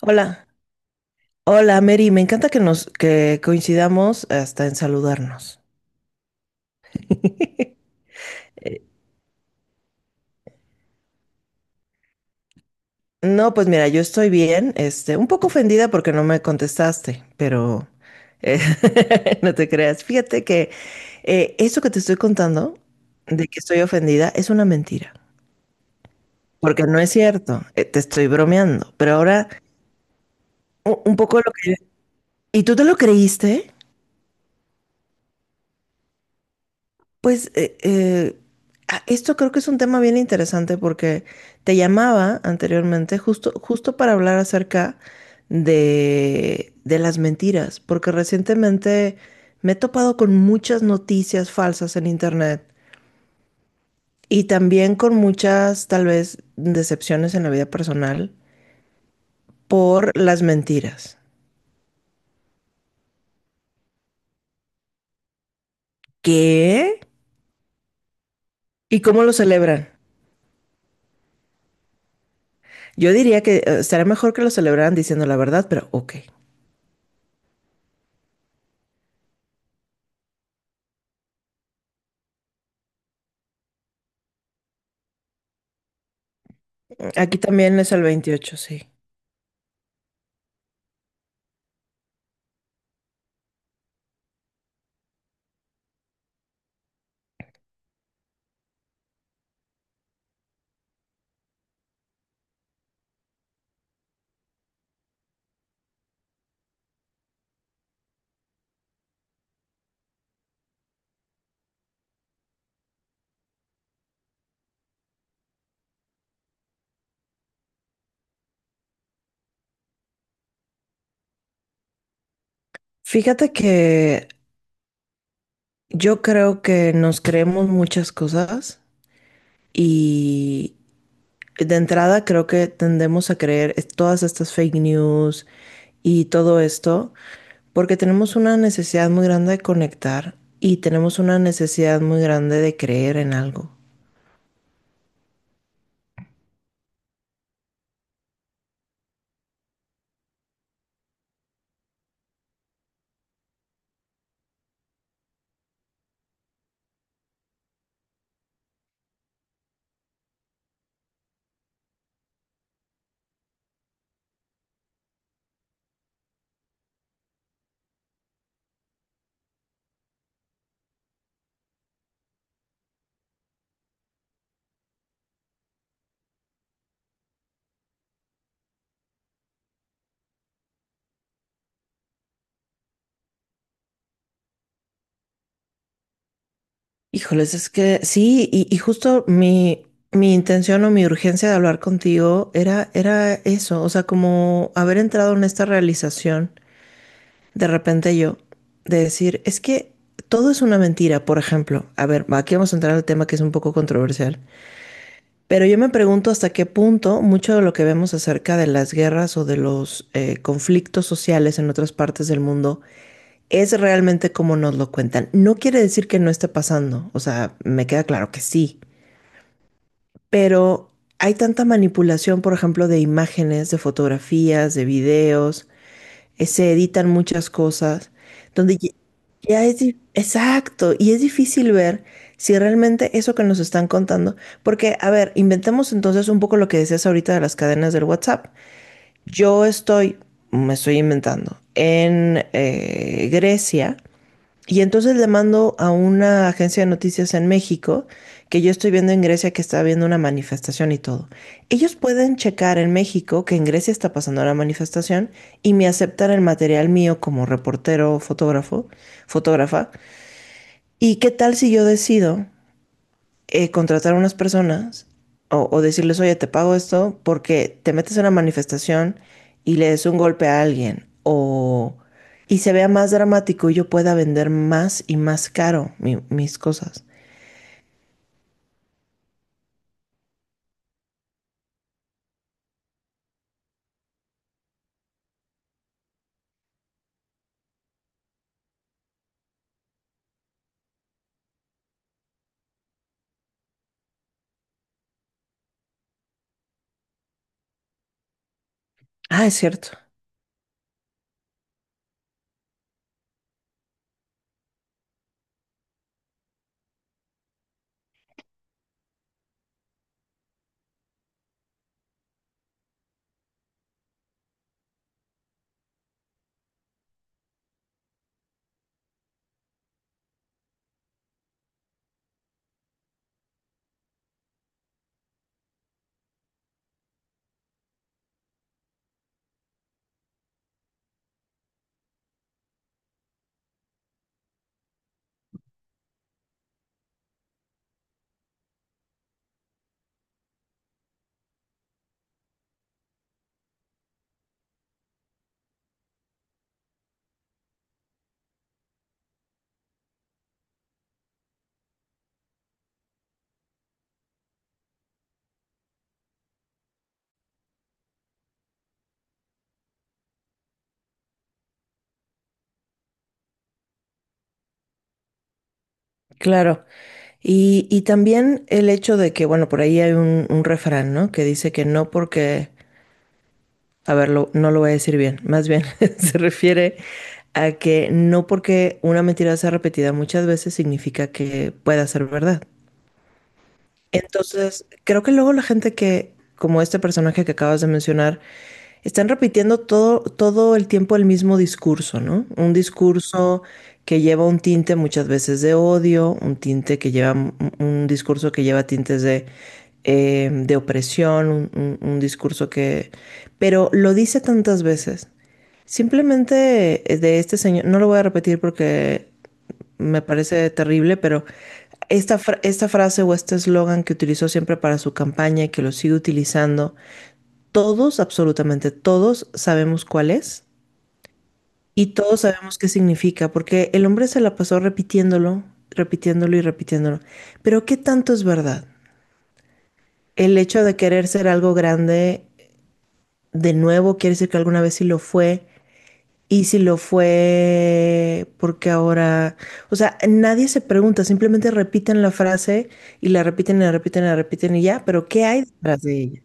Hola, hola Mary, me encanta que nos que coincidamos hasta en saludarnos. Eh, No, pues mira, yo estoy bien, este, un poco ofendida porque no me contestaste, pero eh, no te creas. Fíjate que eso que te estoy contando de que estoy ofendida es una mentira, porque no es cierto, te estoy bromeando, pero ahora un poco lo que... ¿Y tú te lo creíste? Pues esto creo que es un tema bien interesante porque te llamaba anteriormente justo para hablar acerca de las mentiras, porque recientemente me he topado con muchas noticias falsas en internet y también con muchas tal vez decepciones en la vida personal por las mentiras. ¿Qué? ¿Y cómo lo celebran? Yo diría que estaría mejor que lo celebraran diciendo la verdad, pero ok. Aquí también es el 28, sí. Fíjate que yo creo que nos creemos muchas cosas y de entrada creo que tendemos a creer todas estas fake news y todo esto porque tenemos una necesidad muy grande de conectar y tenemos una necesidad muy grande de creer en algo. Híjoles, es que sí, y justo mi intención o mi urgencia de hablar contigo era eso, o sea, como haber entrado en esta realización de repente yo, de decir, es que todo es una mentira, por ejemplo. A ver, aquí vamos a entrar al tema que es un poco controversial. Pero yo me pregunto hasta qué punto mucho de lo que vemos acerca de las guerras o de los conflictos sociales en otras partes del mundo es realmente como nos lo cuentan. No quiere decir que no esté pasando, o sea, me queda claro que sí, pero hay tanta manipulación, por ejemplo, de imágenes, de fotografías, de videos, se editan muchas cosas, donde exacto, y es difícil ver si realmente eso que nos están contando, porque, a ver, inventemos entonces un poco lo que decías ahorita de las cadenas del WhatsApp. Yo estoy, me estoy inventando, en Grecia y entonces le mando a una agencia de noticias en México, que yo estoy viendo en Grecia que está habiendo una manifestación y todo. Ellos pueden checar en México que en Grecia está pasando la manifestación y me aceptan el material mío como reportero, fotógrafa. ¿Y qué tal si yo decido contratar a unas personas o decirles, oye, te pago esto porque te metes en una manifestación y le des un golpe a alguien o... y se vea más dramático y yo pueda vender más y más caro mis cosas. Ah, es cierto, claro. Y también el hecho de que, bueno, por ahí hay un refrán, ¿no? Que dice que no porque a ver, no lo voy a decir bien, más bien se refiere a que no porque una mentira sea repetida muchas veces significa que pueda ser verdad. Entonces, creo que luego la gente que, como este personaje que acabas de mencionar, están repitiendo todo el tiempo el mismo discurso, ¿no? Un discurso que lleva un tinte muchas veces de odio, un tinte que lleva, un discurso que lleva tintes de opresión, un discurso que... Pero lo dice tantas veces. Simplemente de este señor, no lo voy a repetir porque me parece terrible, pero esta frase o este eslogan que utilizó siempre para su campaña y que lo sigue utilizando, todos, absolutamente todos, sabemos cuál es y todos sabemos qué significa, porque el hombre se la pasó repitiéndolo, repitiéndolo y repitiéndolo. Pero ¿qué tanto es verdad? El hecho de querer ser algo grande de nuevo quiere decir que alguna vez sí lo fue. Y si lo fue, porque ahora, o sea, nadie se pregunta, simplemente repiten la frase y la repiten y ya, pero ¿qué hay detrás de ella?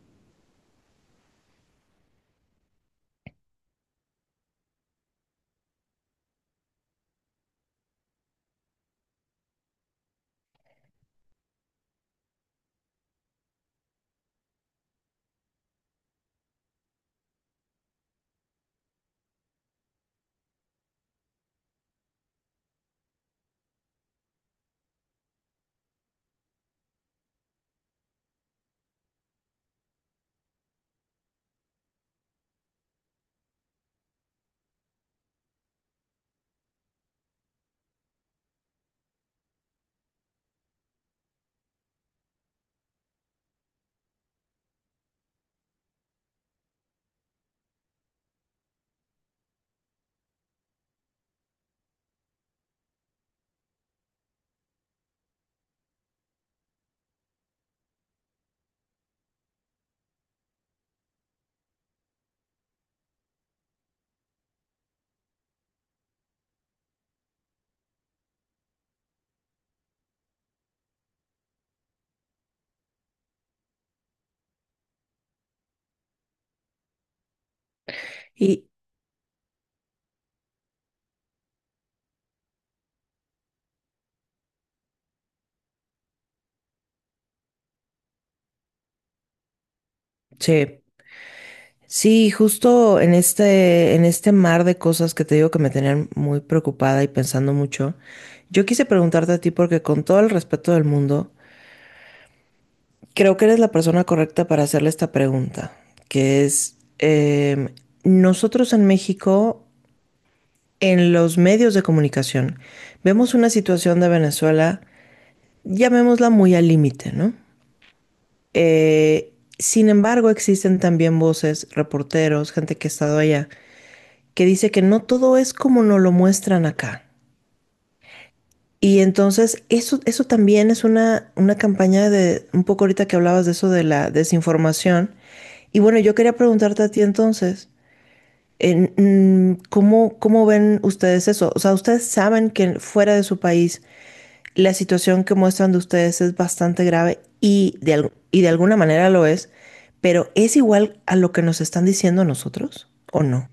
Y che, sí, justo en en este mar de cosas que te digo que me tenían muy preocupada y pensando mucho, yo quise preguntarte a ti porque con todo el respeto del mundo, creo que eres la persona correcta para hacerle esta pregunta, que es, em, nosotros en México en los medios de comunicación vemos una situación de Venezuela, llamémosla muy al límite, ¿no? Eh, sin embargo, existen también voces, reporteros, gente que ha estado allá, que dice que no todo es como nos lo muestran acá. Y entonces eso también es una campaña de, un poco ahorita que hablabas de eso de la desinformación. Y bueno, yo quería preguntarte a ti entonces, ¿cómo ven ustedes eso? O sea, ¿ustedes saben que fuera de su país la situación que muestran de ustedes es bastante grave y de, y de alguna manera lo es, pero ¿es igual a lo que nos están diciendo a nosotros o no?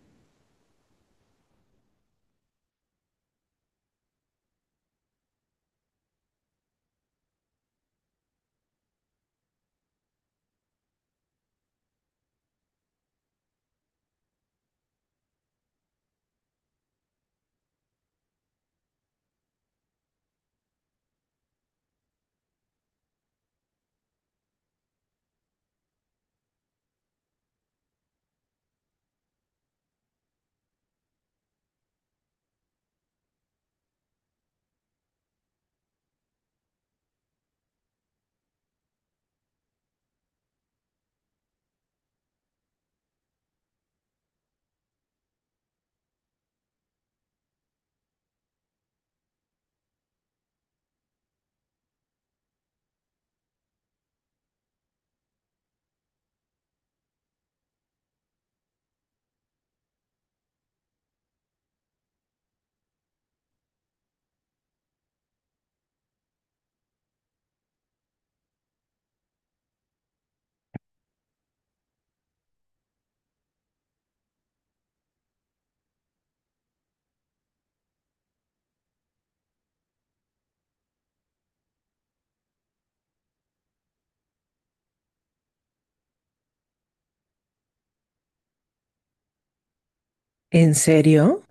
¿En serio?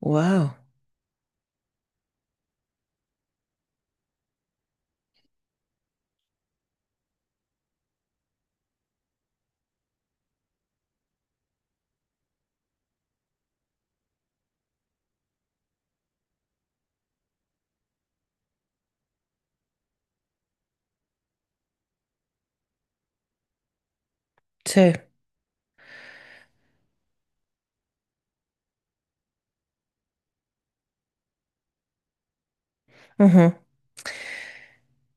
Wow. Sí. Ujú.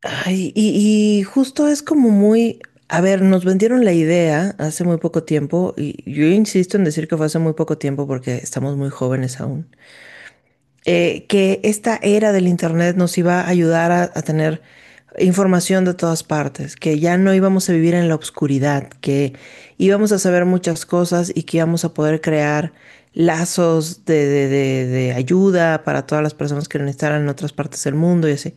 Ay, y justo es como muy, a ver, nos vendieron la idea hace muy poco tiempo y yo insisto en decir que fue hace muy poco tiempo porque estamos muy jóvenes aún. Que esta era del Internet nos iba a ayudar a tener información de todas partes, que ya no íbamos a vivir en la oscuridad, que íbamos a saber muchas cosas y que íbamos a poder crear lazos de ayuda para todas las personas que lo necesitaran en otras partes del mundo y así.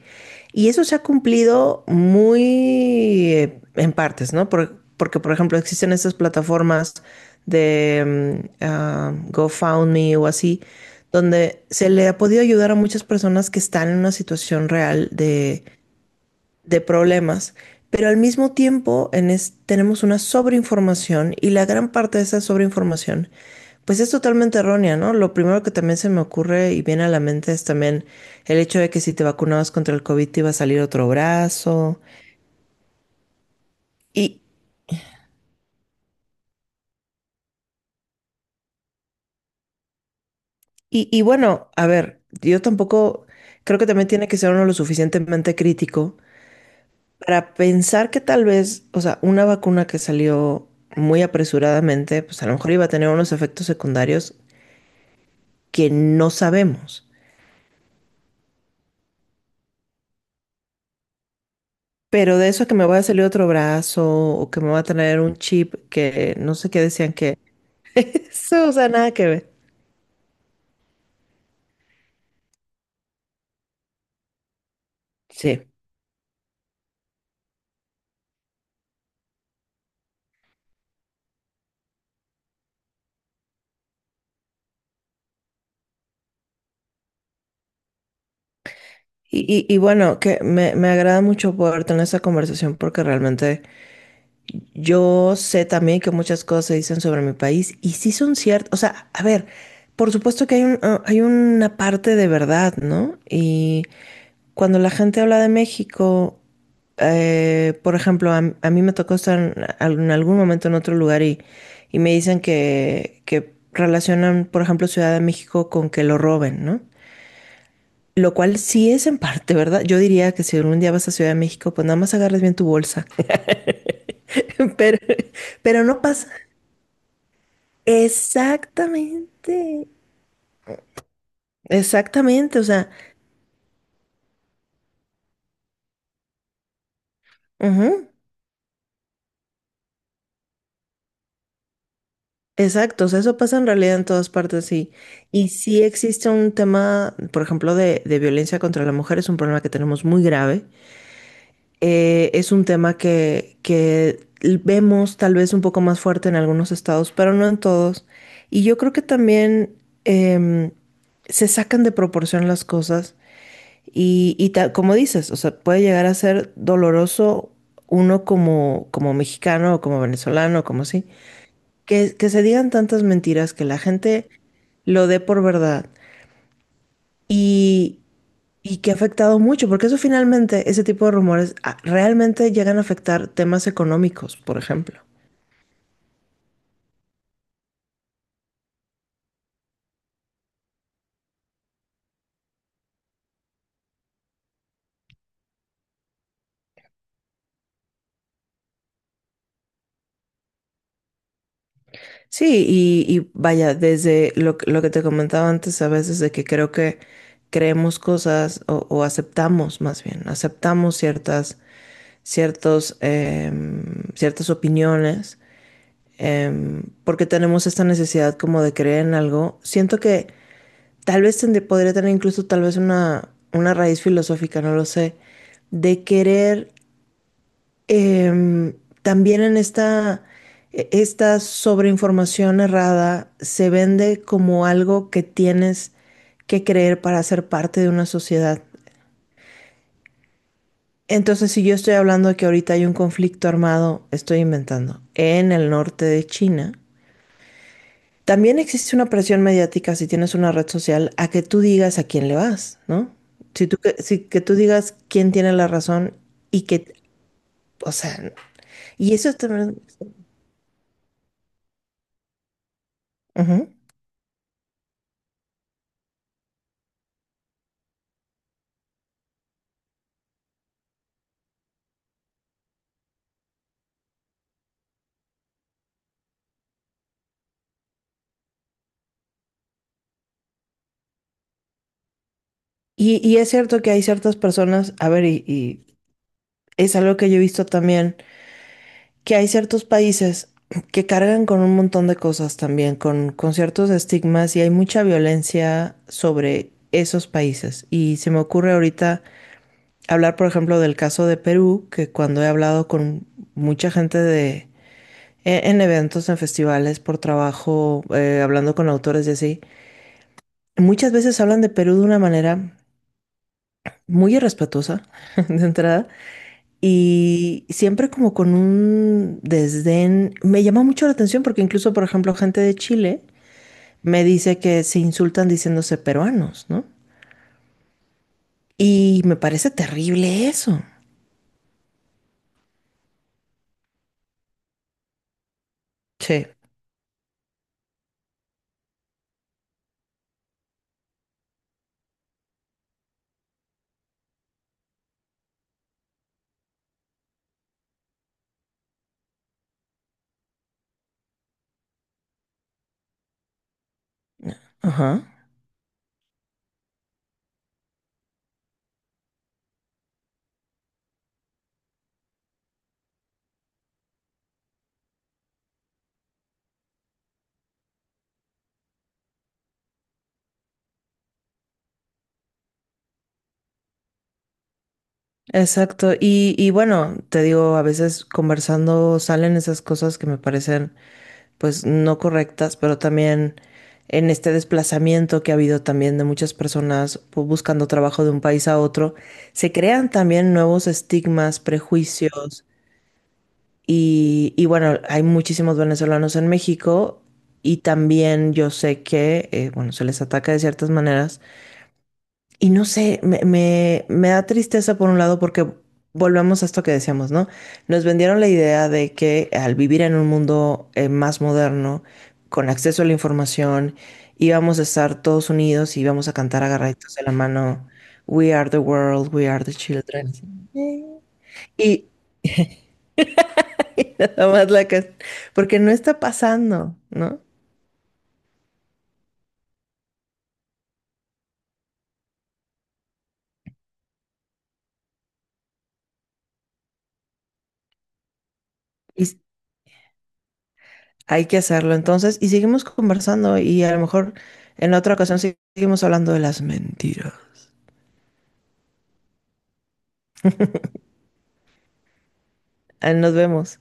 Y eso se ha cumplido muy en partes, ¿no? Porque, por ejemplo, existen estas plataformas de GoFundMe o así, donde se le ha podido ayudar a muchas personas que están en una situación real de problemas, pero al mismo tiempo en tenemos una sobreinformación y la gran parte de esa sobreinformación pues es totalmente errónea, ¿no? Lo primero que también se me ocurre y viene a la mente es también el hecho de que si te vacunabas contra el COVID te iba a salir otro brazo. Y, y bueno, a ver, yo tampoco creo que también tiene que ser uno lo suficientemente crítico para pensar que tal vez, o sea, una vacuna que salió muy apresuradamente, pues a lo mejor iba a tener unos efectos secundarios que no sabemos. Pero de eso a que me va a salir otro brazo o que me va a traer un chip que no sé qué decían que eso, o sea, nada que ver. Sí. Y bueno, que me agrada mucho poder tener esa conversación porque realmente yo sé también que muchas cosas se dicen sobre mi país y sí son ciertas. O sea, a ver, por supuesto que hay hay una parte de verdad, ¿no? Y cuando la gente habla de México, por ejemplo, a mí me tocó estar en, en algún momento en otro lugar y me dicen que relacionan, por ejemplo, Ciudad de México con que lo roben, ¿no? Lo cual sí es en parte, ¿verdad? Yo diría que si algún día vas a Ciudad de México, pues nada más agarres bien tu bolsa. Pero, pero no pasa Exactamente, exactamente, o sea, ujú, exacto, o sea, eso pasa en realidad en todas partes, sí. Y sí existe un tema, por ejemplo, de violencia contra la mujer, es un problema que tenemos muy grave. Es un tema que vemos tal vez un poco más fuerte en algunos estados, pero no en todos. Y yo creo que también em, se sacan de proporción las cosas como dices, o sea, puede llegar a ser doloroso uno como mexicano o como venezolano, como así, que se digan tantas mentiras que la gente lo dé por verdad. Y, y que ha afectado mucho, porque eso finalmente, ese tipo de rumores realmente llegan a afectar temas económicos, por ejemplo. Sí, y vaya, desde lo, lo que te comentaba antes a veces de que creo que creemos cosas o aceptamos más bien, aceptamos ciertos, em, ciertas opiniones porque tenemos esta necesidad como de creer en algo. Siento que tal vez podría tener incluso tal vez una raíz filosófica, no lo sé, de querer em, también en esta, esta sobreinformación errada se vende como algo que tienes que creer para ser parte de una sociedad. Entonces, si yo estoy hablando de que ahorita hay un conflicto armado, estoy inventando, en el norte de China, también existe una presión mediática si tienes una red social a que tú digas a quién le vas, ¿no? Si tú, que, si, que tú digas quién tiene la razón y que, o sea, y eso también... Ujú. Y es cierto que hay ciertas personas, a ver, y es algo que yo he visto también, que hay ciertos países que cargan con un montón de cosas también, con ciertos estigmas y hay mucha violencia sobre esos países. Y se me ocurre ahorita hablar, por ejemplo, del caso de Perú, que cuando he hablado con mucha gente de, en eventos, en festivales, por trabajo, hablando con autores y así, muchas veces hablan de Perú de una manera muy irrespetuosa, de entrada, y siempre como con un desdén. Me llama mucho la atención porque incluso, por ejemplo, gente de Chile me dice que se insultan diciéndose peruanos, ¿no? Y me parece terrible eso. Sí. Ajá. Exacto. Y bueno, te digo, a veces conversando salen esas cosas que me parecen pues no correctas, pero también en este desplazamiento que ha habido también de muchas personas pues, buscando trabajo de un país a otro, se crean también nuevos estigmas, prejuicios y bueno, hay muchísimos venezolanos en México y también yo sé que, bueno, se les ataca de ciertas maneras y no sé, me da tristeza por un lado porque volvemos a esto que decíamos, ¿no? Nos vendieron la idea de que al vivir en un mundo más moderno, con acceso a la información, íbamos a estar todos unidos y íbamos a cantar agarraditos de la mano, We are the world, we are the children. Y, y nada más la que... Porque no está pasando, ¿no? Y, hay que hacerlo entonces y seguimos conversando y a lo mejor en otra ocasión seguimos hablando de las mentiras. Ah, nos vemos.